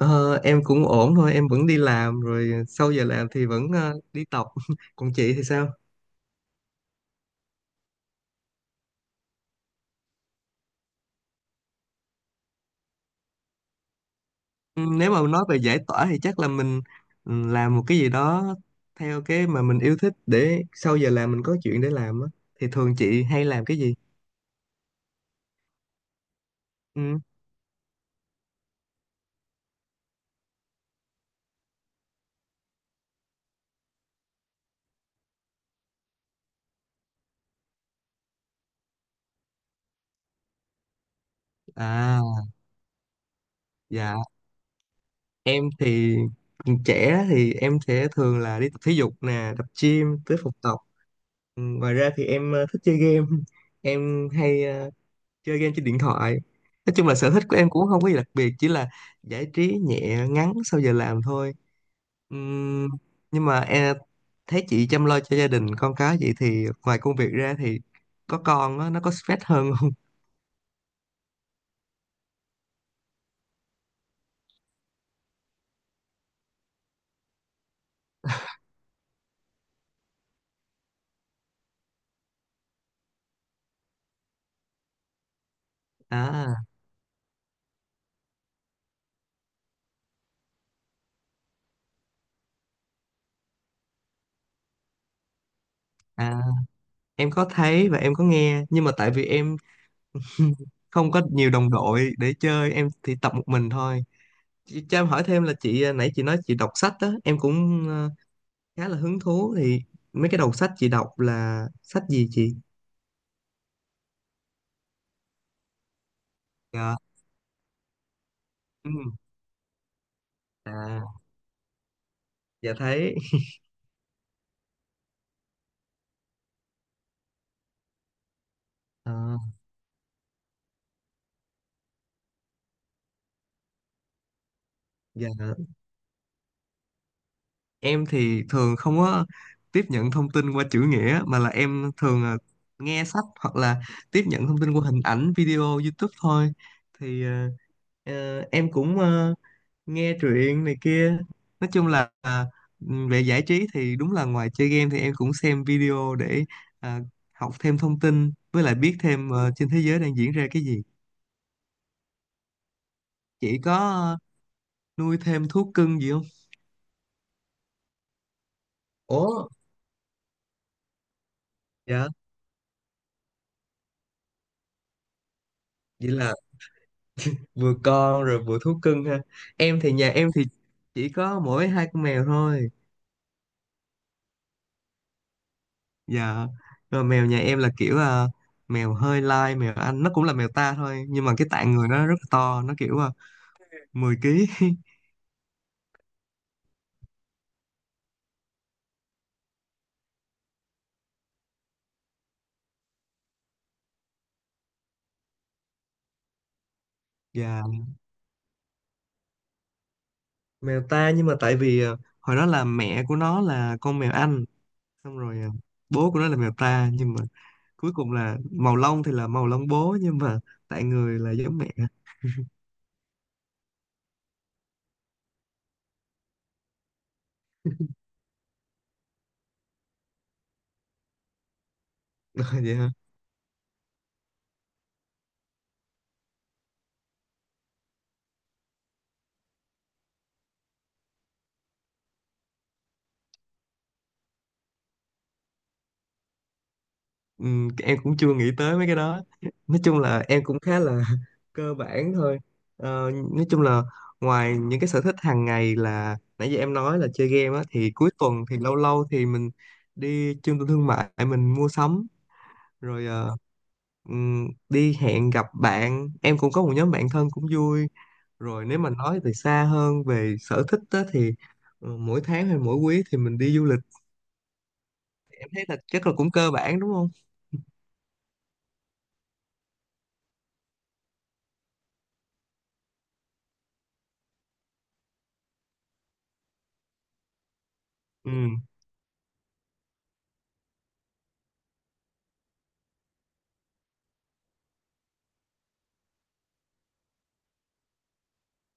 Ờ, em cũng ổn thôi, em vẫn đi làm rồi sau giờ làm thì vẫn đi tập. Còn chị thì sao? Ừ, Nếu mà nói về giải tỏa thì chắc là mình làm một cái gì đó theo cái mà mình yêu thích để sau giờ làm mình có chuyện để làm á. Thì thường chị hay làm cái gì? Ừ. À, dạ. Em thì trẻ thì em sẽ thường là đi tập thể dục nè, tập gym, tới phòng tập. Ừ, ngoài ra thì em thích chơi game. Em hay chơi game trên điện thoại, nói chung là sở thích của em cũng không có gì đặc biệt, chỉ là giải trí nhẹ ngắn sau giờ làm thôi. Ừm, nhưng mà em thấy chị chăm lo cho gia đình con cái vậy thì ngoài công việc ra thì có con á, nó có stress hơn không? À, à, em có thấy và em có nghe, nhưng mà tại vì em không có nhiều đồng đội để chơi, em thì tập một mình thôi. Chị cho em hỏi thêm là chị nãy chị nói chị đọc sách đó, em cũng khá là hứng thú thì mấy cái đầu sách chị đọc là sách gì chị? Dạ. Ừm. À, dạ thấy. Ờ, dạ. Em thì thường không có tiếp nhận thông tin qua chữ nghĩa, mà là em thường là nghe sách hoặc là tiếp nhận thông tin qua hình ảnh, video, YouTube thôi. Thì ờ, em cũng nghe truyện này kia. Nói chung là về giải trí thì đúng là ngoài chơi game thì em cũng xem video để à, học thêm thông tin với lại biết thêm trên thế giới đang diễn ra cái gì. Chị có nuôi thêm thú cưng gì không? Ủa. Dạ, vậy là vừa con rồi vừa thú cưng ha. Em thì nhà em thì chỉ có mỗi hai con mèo thôi. Dạ. Rồi mèo nhà em là kiểu mèo hơi lai, mèo Anh nó cũng là mèo ta thôi, nhưng mà cái tạng người nó rất là to, nó kiểu 10 ký. Dạ, mèo ta nhưng mà tại vì hồi đó là mẹ của nó là con mèo Anh, xong rồi bố của nó là mèo ta, nhưng mà cuối cùng là màu lông thì là màu lông bố, nhưng mà tạng người là giống mẹ. Dạ. Ừ, em cũng chưa nghĩ tới mấy cái đó, nói chung là em cũng khá là cơ bản thôi. Ờ, nói chung là ngoài những cái sở thích hàng ngày là nãy giờ em nói là chơi game á thì cuối tuần thì lâu lâu thì mình đi trung tâm thương mại mình mua sắm, rồi đi hẹn gặp bạn, em cũng có một nhóm bạn thân cũng vui, rồi nếu mà nói từ xa hơn về sở thích á, thì mỗi tháng hay mỗi quý thì mình đi du lịch. Em thấy là chắc là cũng cơ bản đúng không? Ừ.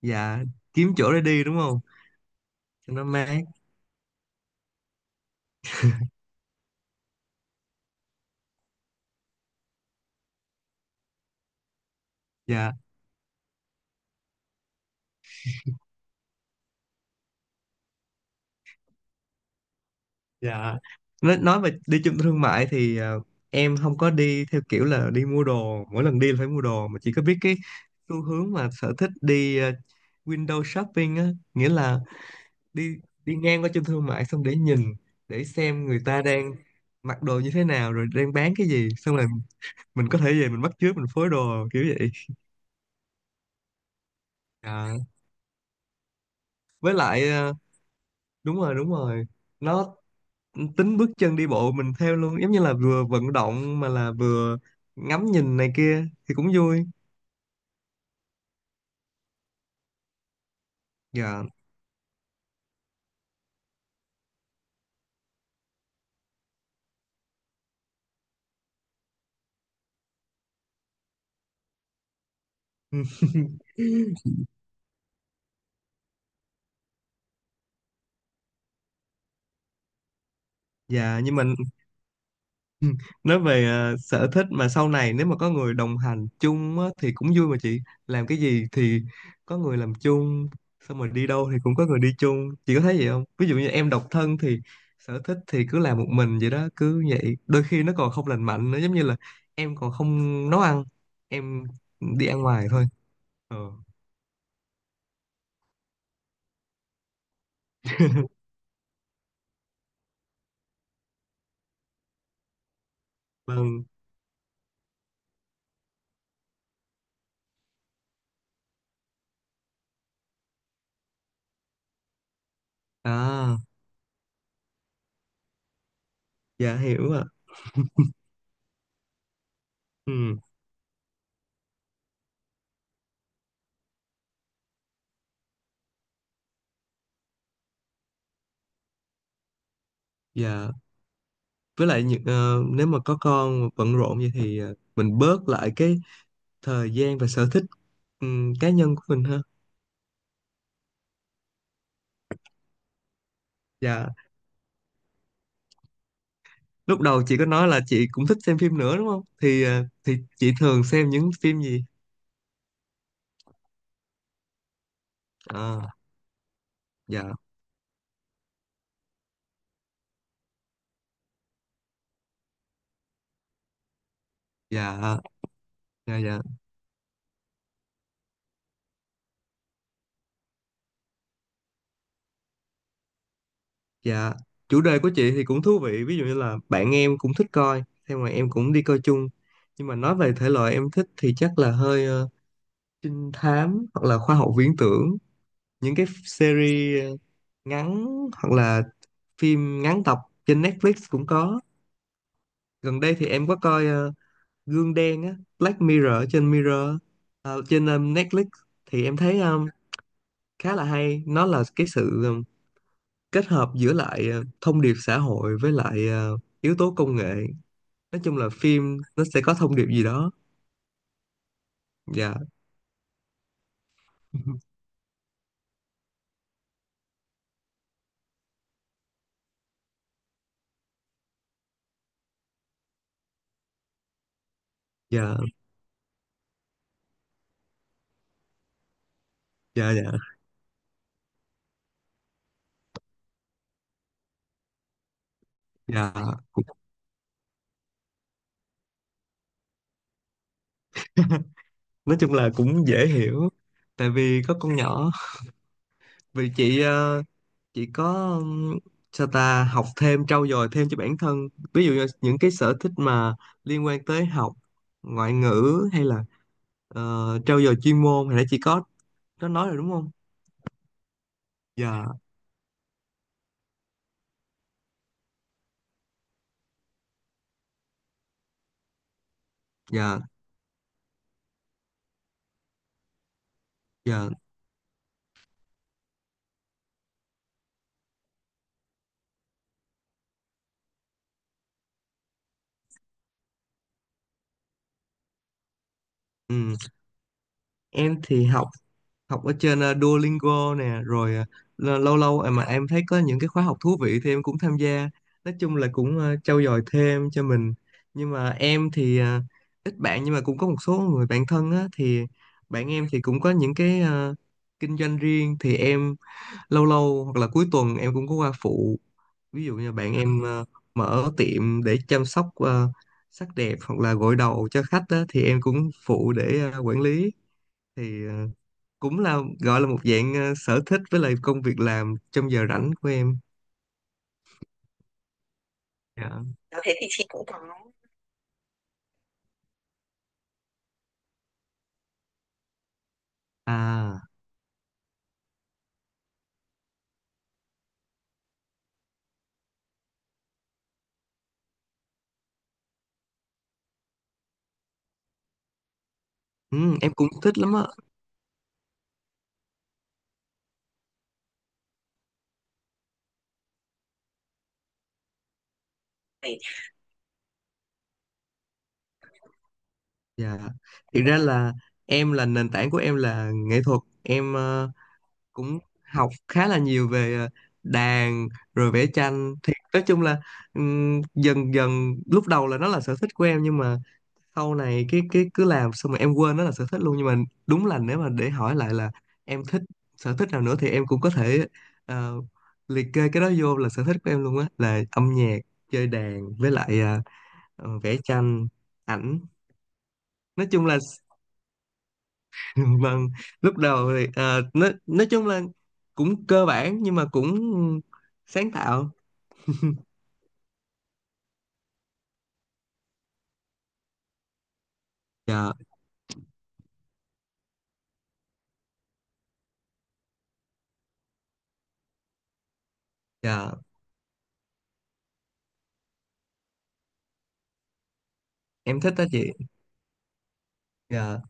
Dạ, kiếm chỗ để đi đúng không, cho nó mát. Dạ, dạ, nói về đi trung tâm thương mại thì em không có đi theo kiểu là đi mua đồ, mỗi lần đi là phải mua đồ, mà chỉ có biết cái xu hướng mà sở thích đi window shopping á, nghĩa là đi đi ngang qua trung tâm thương mại xong để nhìn, để xem người ta đang mặc đồ như thế nào rồi đang bán cái gì, xong rồi mình có thể về mình bắt chước mình phối đồ kiểu vậy. Dạ. Với lại đúng rồi, đúng rồi, nó tính bước chân đi bộ mình theo luôn giống như là vừa vận động mà là vừa ngắm nhìn này kia thì cũng vui. Dạ. Dạ nhưng mình nói về sở thích mà sau này nếu mà có người đồng hành chung á, thì cũng vui mà chị. Làm cái gì thì có người làm chung, xong rồi đi đâu thì cũng có người đi chung, chị có thấy vậy không? Ví dụ như em độc thân thì sở thích thì cứ làm một mình vậy đó, cứ vậy đôi khi nó còn không lành mạnh nữa, giống như là em còn không nấu ăn, em đi ăn ngoài thôi. Ờ. Vâng, à, dạ hiểu ạ. Ừ, dạ. Với lại những ờ, nếu mà có con mà bận rộn vậy thì mình bớt lại cái thời gian và sở thích cá nhân của mình ha. Dạ. Lúc đầu chị có nói là chị cũng thích xem phim nữa đúng không? Thì thì chị thường xem những phim gì? À, dạ, dạ, dạ, dạ, dạ. Chủ đề của chị thì cũng thú vị. Ví dụ như là bạn em cũng thích coi, thế mà em cũng đi coi chung. Nhưng mà nói về thể loại em thích thì chắc là hơi trinh thám hoặc là khoa học viễn tưởng, những cái series ngắn hoặc là phim ngắn tập, trên Netflix cũng có. Gần đây thì em có coi Gương Đen á, Black Mirror ở trên Mirror, trên Netflix, thì em thấy khá là hay. Nó là cái sự kết hợp giữa lại thông điệp xã hội với lại yếu tố công nghệ, nói chung là phim nó sẽ có thông điệp gì đó. Dạ. Dạ, dạ, dạ, dạ. Cũng- nói chung là cũng dễ hiểu, tại vì có con nhỏ. Vì chị chị có ừm, sao ta học thêm trau dồi thêm cho bản thân, ví dụ như những cái sở thích mà liên quan tới học ngoại ngữ hay là ờ, trau dồi chuyên môn, hồi nãy chị có nói rồi đúng không? Dạ, dạ, dạ. Ừm, em thì học, học ở trên Duolingo nè, rồi lâu lâu mà em thấy có những cái khóa học thú vị thì em cũng tham gia, nói chung là cũng trau dồi thêm cho mình. Nhưng mà em thì ít bạn, nhưng mà cũng có một số người bạn thân á, thì bạn em thì cũng có những cái kinh doanh riêng thì em lâu lâu hoặc là cuối tuần em cũng có qua phụ. Ví dụ như bạn em mở tiệm để chăm sóc sắc đẹp hoặc là gội đầu cho khách á, thì em cũng phụ để quản lý. Thì cũng là gọi là một dạng sở thích với lại công việc làm trong giờ rảnh của em. Dạ. Đó, thế thì chị cũng có à. Ừ, em cũng thích lắm á, phải dạ. Thực ra là em là nền tảng của em là nghệ thuật, em cũng học khá là nhiều về đàn rồi vẽ tranh, thì nói chung là dần dần lúc đầu là nó là sở thích của em, nhưng mà sau này cái cứ làm xong rồi em quên nó là sở thích luôn. Nhưng mà đúng là nếu mà để hỏi lại là em thích sở thích nào nữa thì em cũng có thể ờ, liệt kê cái đó vô là sở thích của em luôn á, là âm nhạc, chơi đàn với lại vẽ tranh ảnh, nói chung là vâng. Lúc đầu thì nói chung là cũng cơ bản nhưng mà cũng sáng tạo. Dạ, dạ, em thích đó chị. Dạ.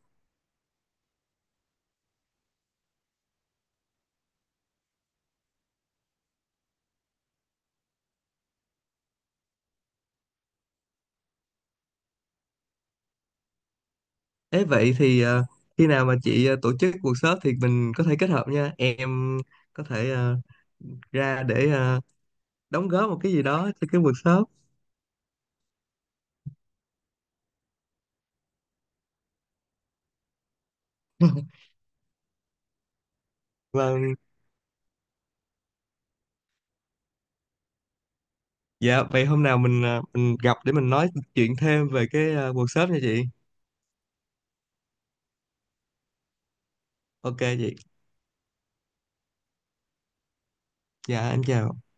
Thế vậy thì khi nào mà chị tổ chức workshop thì mình có thể kết hợp nha. Em có thể ra để đóng góp một cái gì đó cho cái workshop. Vâng. Dạ, vậy hôm nào mình mình gặp để mình nói chuyện thêm về cái workshop nha chị. Ok chị. Dạ, em chào.